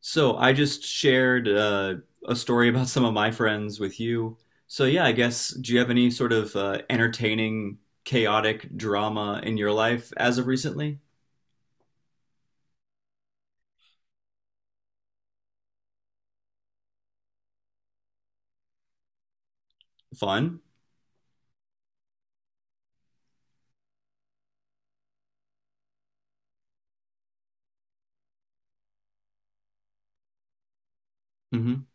So I just shared a story about some of my friends with you. So yeah, I guess do you have any sort of entertaining, chaotic drama in your life as of recently? Fun? Hmm.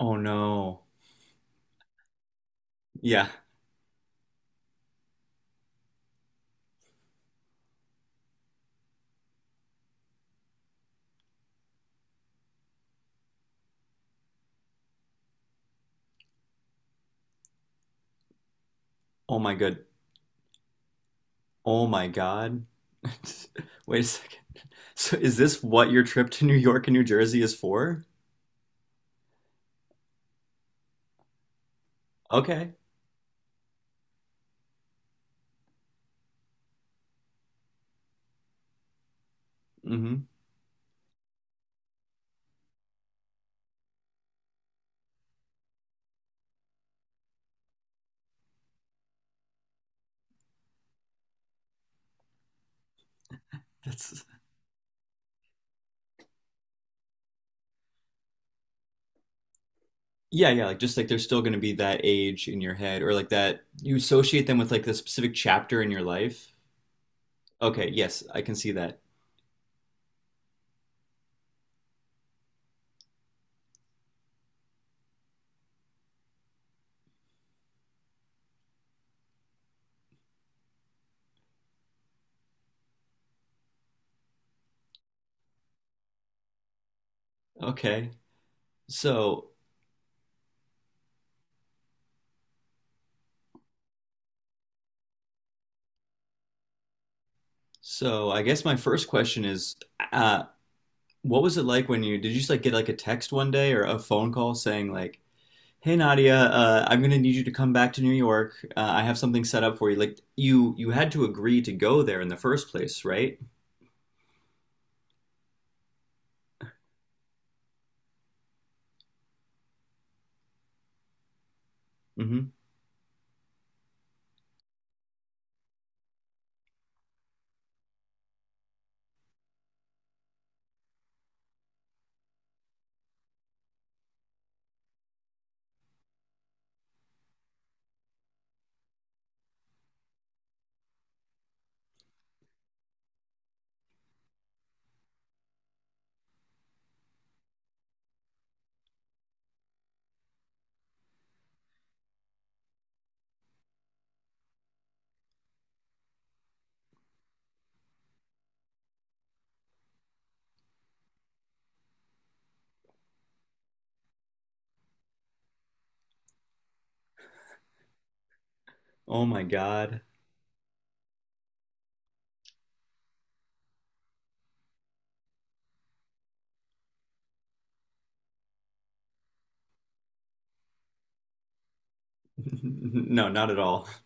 Oh no. Yeah. Oh my good. Oh my God. Wait a second. So is this what your trip to New York and New Jersey is for? Okay. Hmm. That's Yeah, yeah, like just like there's still going to be that age in your head or like that you associate them with like the specific chapter in your life. Okay, yes, I can see that. Okay. So, so I guess my first question is, uh, what was it like when you did you just like get like a text one day or a phone call saying like, "Hey Nadia, I'm gonna need you to come back to New York. I have something set up for you." Like you had to agree to go there in the first place, right? Mm-hmm. Oh my God. No, not at all.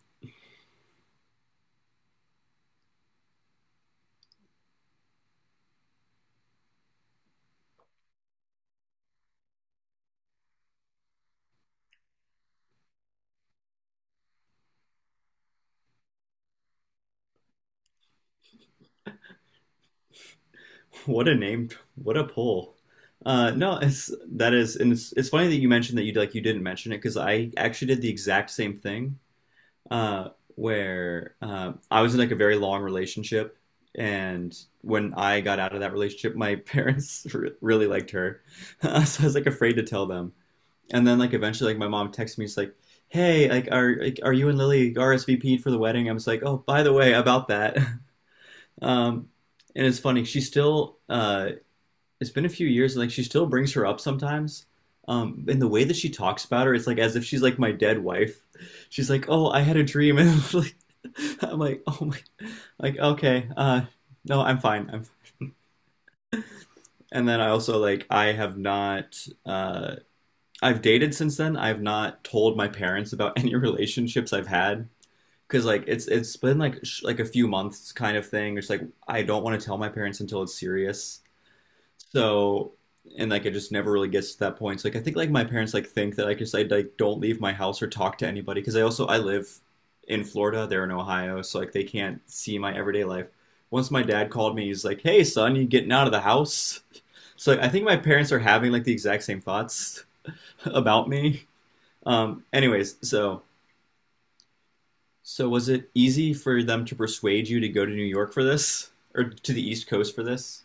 What a name. What a pull. No, it's funny that you mentioned that you like you didn't mention it because I actually did the exact same thing. Uh, where I was in like a very long relationship, and when I got out of that relationship, my parents re really liked her, so I was like afraid to tell them. And then like eventually, like my mom texted me, she's like, "Hey, are you and Lily RSVP'd for the wedding?" I was like, "Oh, by the way, about that." Um, and it's funny, she still it's been a few years and like she still brings her up sometimes. And the way that she talks about her, it's like as if she's like my dead wife. She's like, "Oh, I had a dream," and I'm like, "Oh my, like okay, no, I'm fine." And then I also like I have not, I've dated since then. I've not told my parents about any relationships I've had because like it's been like like a few months kind of thing. It's like I don't want to tell my parents until it's serious. So, and like it just never really gets to that point. So, like I think like my parents like think that I just I like don't leave my house or talk to anybody because I also I live in Florida, they're in Ohio, so like they can't see my everyday life. Once my dad called me, he's like, "Hey son, you getting out of the house?" So like, I think my parents are having like the exact same thoughts about me. Anyways, so was it easy for them to persuade you to go to New York for this or to the East Coast for this?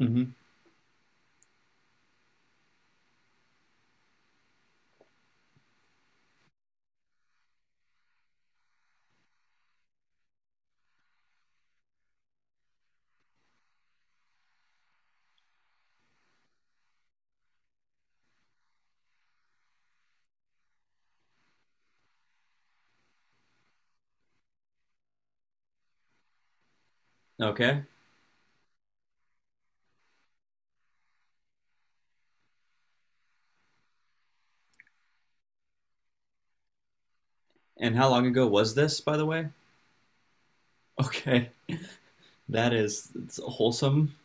Hmm. Okay. And how long ago was this, by the way? Okay, that is it's wholesome.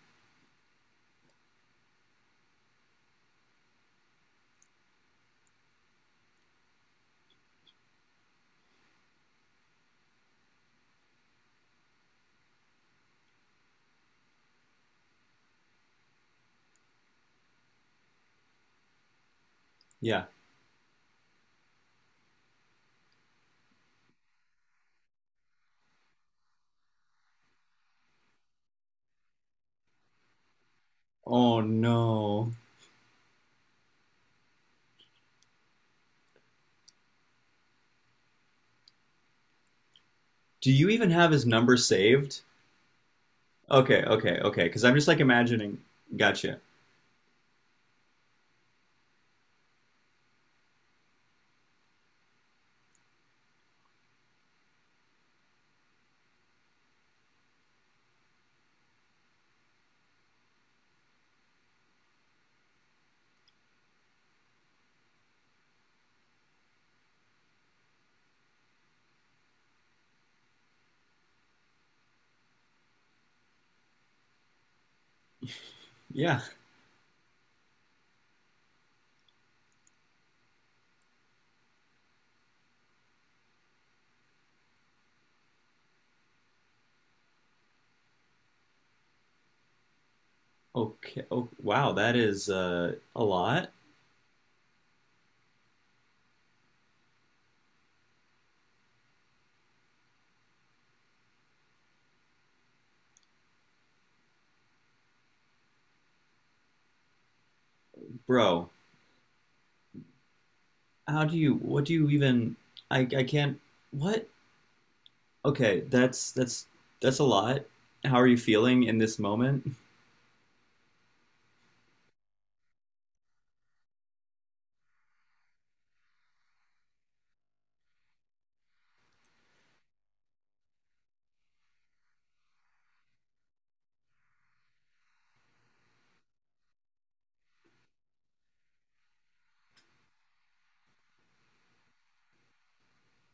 Yeah. Oh no. Do you even have his number saved? Okay, okay, okay. Because I'm just like imagining. Gotcha. Yeah. Okay. Oh, wow. That is a lot, bro. How do you? What do you even? I can't. What? Okay. That's a lot. How are you feeling in this moment?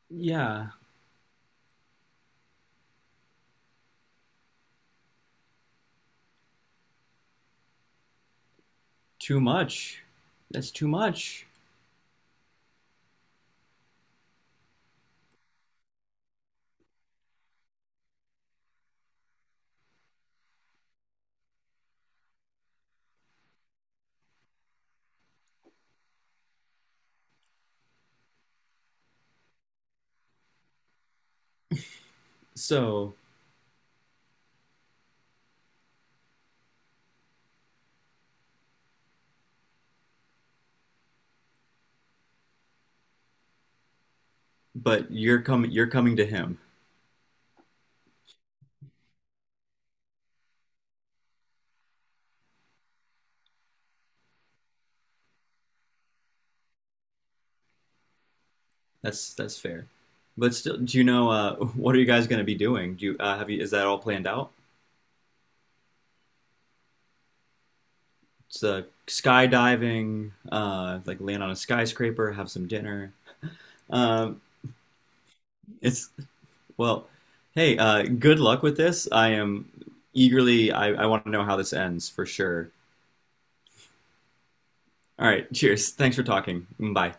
Yeah. Too much. That's too much. So but you're coming to him. That's fair. But still, do you know what are you guys going to be doing? Do you have you is that all planned out? It's skydiving, like land on a skyscraper, have some dinner. Um, it's Well, hey, good luck with this. I am eagerly. I want to know how this ends for sure. All right, cheers. Thanks for talking. Bye.